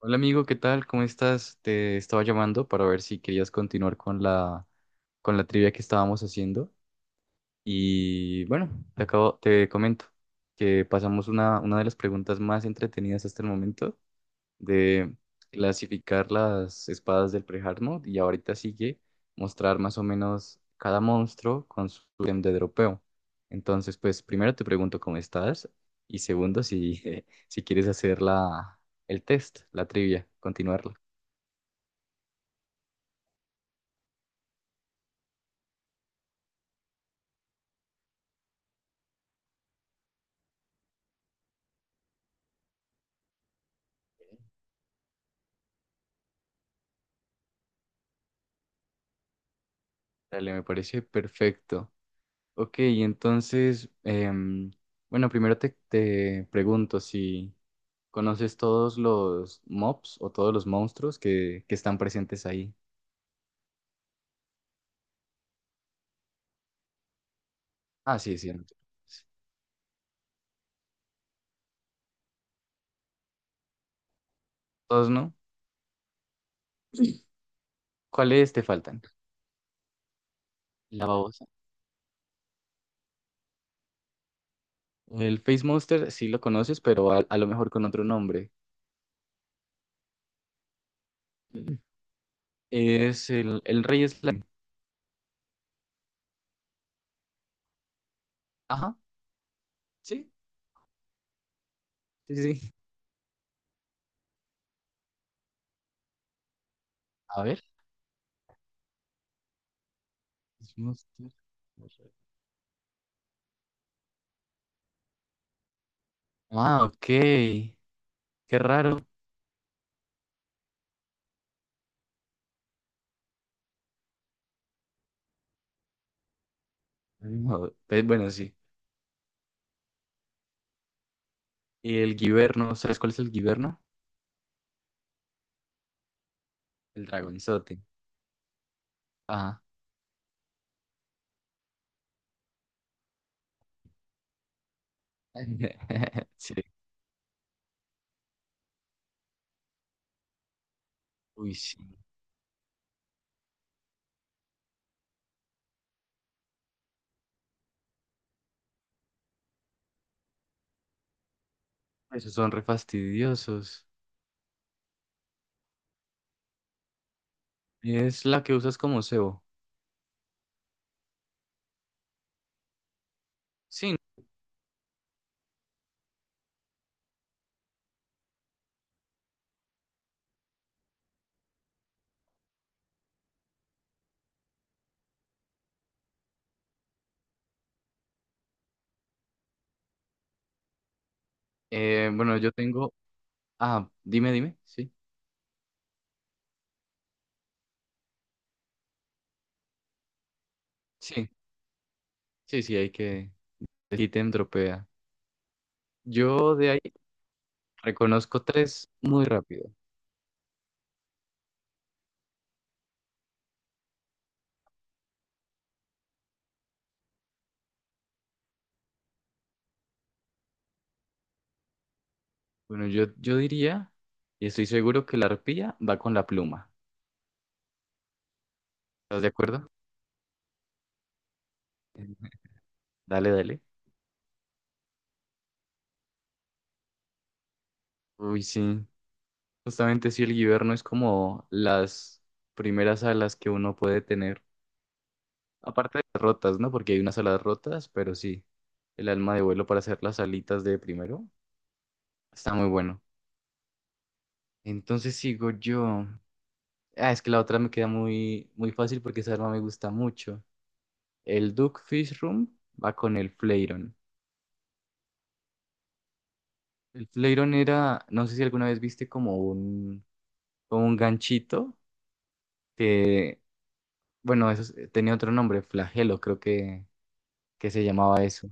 Hola amigo, ¿qué tal? ¿Cómo estás? Te estaba llamando para ver si querías continuar con la trivia que estábamos haciendo. Y bueno, te comento que pasamos una de las preguntas más entretenidas hasta el momento de clasificar las espadas del pre-Hard Mode, y ahorita sigue mostrar más o menos cada monstruo con su ítem de dropeo. Entonces, pues primero te pregunto cómo estás y segundo si, si quieres hacer el test, la trivia, continuarla. Dale, me parece perfecto. Ok, entonces, bueno, primero te pregunto si conoces todos los mobs o todos los monstruos que están presentes ahí. Ah, sí, sí, no te preocupes. ¿Todos no? ¿Cuáles te faltan? La babosa. El Face Monster sí lo conoces, pero a lo mejor con otro nombre. Es el Rey Slime. Ajá, sí, sí, sí. A ver. Face Monster. Ah, ok. Qué raro. No, bueno, sí. Y el guiberno, ¿sabes cuál es el guiberno? El dragonzote. Ajá. Sí. Uy, sí. Esos son re fastidiosos. Es la que usas como cebo. Sí. Bueno, yo tengo. Ah, dime, dime. Sí. Sí. Sí, sí, hay que. El ítem dropea. Yo de ahí reconozco tres muy rápido. Bueno, yo diría, y estoy seguro que la arpía va con la pluma. ¿Estás de acuerdo? Dale, dale. Uy, sí. Justamente si el guiberno es como las primeras alas que uno puede tener, aparte de las rotas, ¿no? Porque hay unas alas rotas, pero sí, el alma de vuelo para hacer las alitas de primero está muy bueno. Entonces sigo yo. Ah, es que la otra me queda muy fácil porque esa arma me gusta mucho. El Duck Room va con el Fleiron. El Fleiron era, no sé si alguna vez viste como como un ganchito que, bueno, tenía otro nombre, flagelo, creo que se llamaba eso.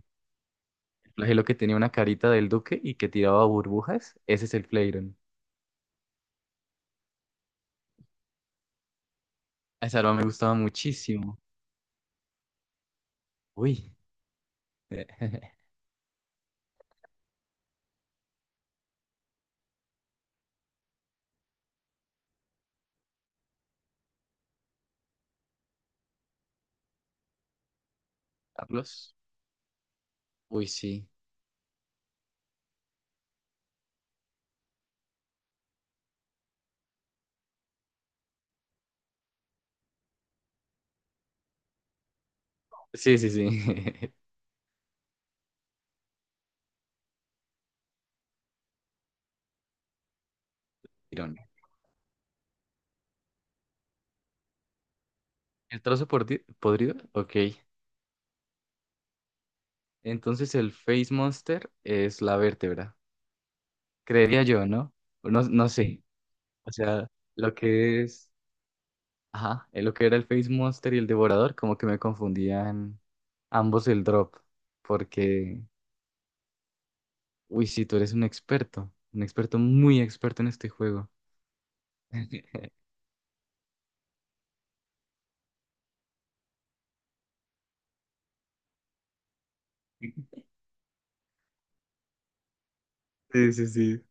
El flagelo que tenía una carita del duque y que tiraba burbujas, ese es el Flareon. Esa arma me gustaba muchísimo. Uy, Carlos. Uy, sí. Sí, sí, sí. Tirón. Podrido? Ok. Entonces el Face Monster es la vértebra. Creería yo, ¿no? No, no sé. O sea, lo que es... Ajá, lo que era el Face Monster y el Devorador, como que me confundían ambos el drop, porque uy, sí, tú eres un experto muy experto en este juego. Sí, sí, sí.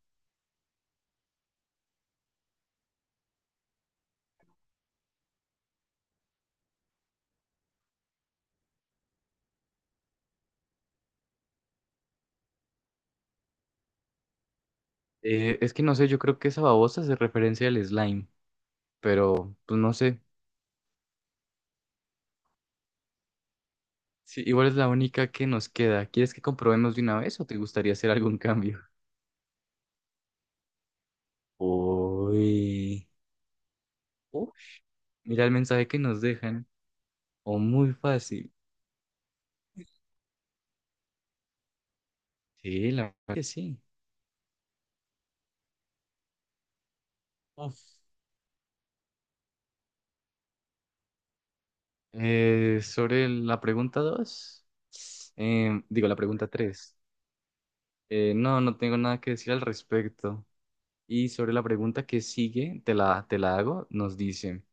Es que no sé, yo creo que esa babosa se referencia al slime, pero pues no sé. Sí, igual es la única que nos queda. ¿Quieres que comprobemos de una vez o te gustaría hacer algún cambio? Uy. Uf, mira el mensaje que nos dejan. O muy fácil. Sí, la verdad que sí. Uf. Sobre la pregunta dos, digo la pregunta 3. No, no tengo nada que decir al respecto. Y sobre la pregunta que sigue, te la hago, nos dice,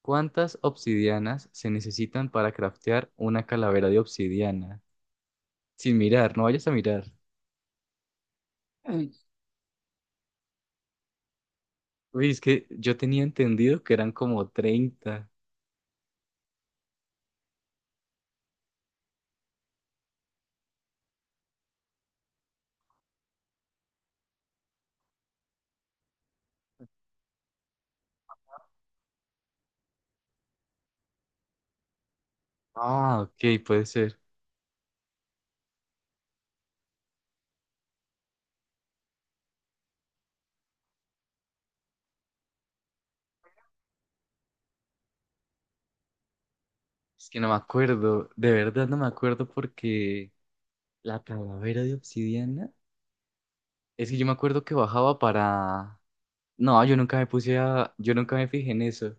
¿cuántas obsidianas se necesitan para craftear una calavera de obsidiana? Sin mirar, no vayas a mirar. Ay. Uy, es que yo tenía entendido que eran como 30. Ah, ok, puede ser. Es que no me acuerdo, de verdad no me acuerdo porque la calavera de obsidiana, es que yo me acuerdo que bajaba para... No, yo nunca me puse a... Yo nunca me fijé en eso.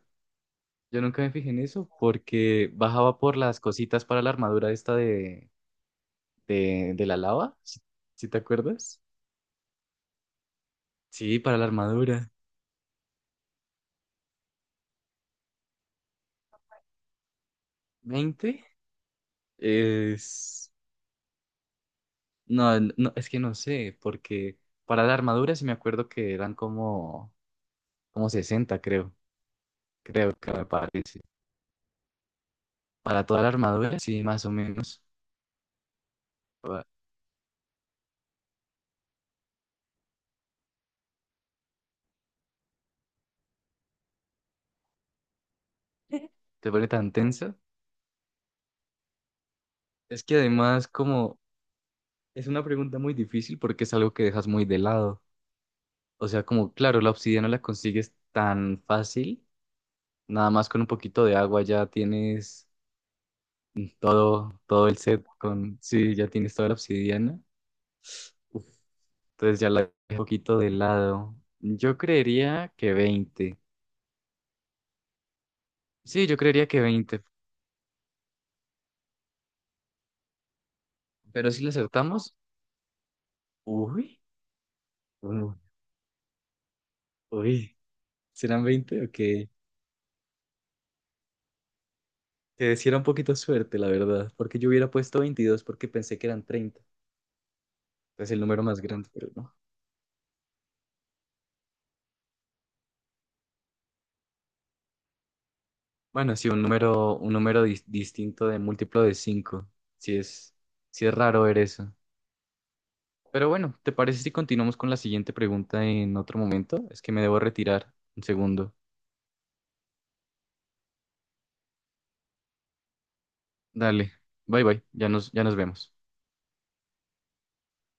Yo nunca me fijé en eso porque bajaba por las cositas para la armadura esta de la lava, ¿si si te acuerdas? Sí, para la armadura. ¿20? Es... No, no, es que no sé, porque para la armadura sí me acuerdo que eran como, como 60, creo, creo que me parece. Para toda la armadura, sí, más o menos. Pa- te pone tan tensa. Es que además como es una pregunta muy difícil porque es algo que dejas muy de lado. O sea, como claro, la obsidiana la consigues tan fácil, nada más con un poquito de agua ya tienes todo el set con, sí, ya tienes toda la obsidiana. Uf, entonces ya la dejé un poquito de lado. Yo creería que 20. Sí, yo creería que 20. Pero si le acertamos, uy, uy, uy, ¿serán 20? Ok. Que sí era un poquito suerte, la verdad, porque yo hubiera puesto 22 porque pensé que eran 30. Es el número más grande, pero no. Bueno, sí, un número distinto de múltiplo de 5. Sí es, sí es raro ver eso. Pero bueno, ¿te parece si continuamos con la siguiente pregunta en otro momento? Es que me debo retirar un segundo. Dale, bye bye, ya ya nos vemos.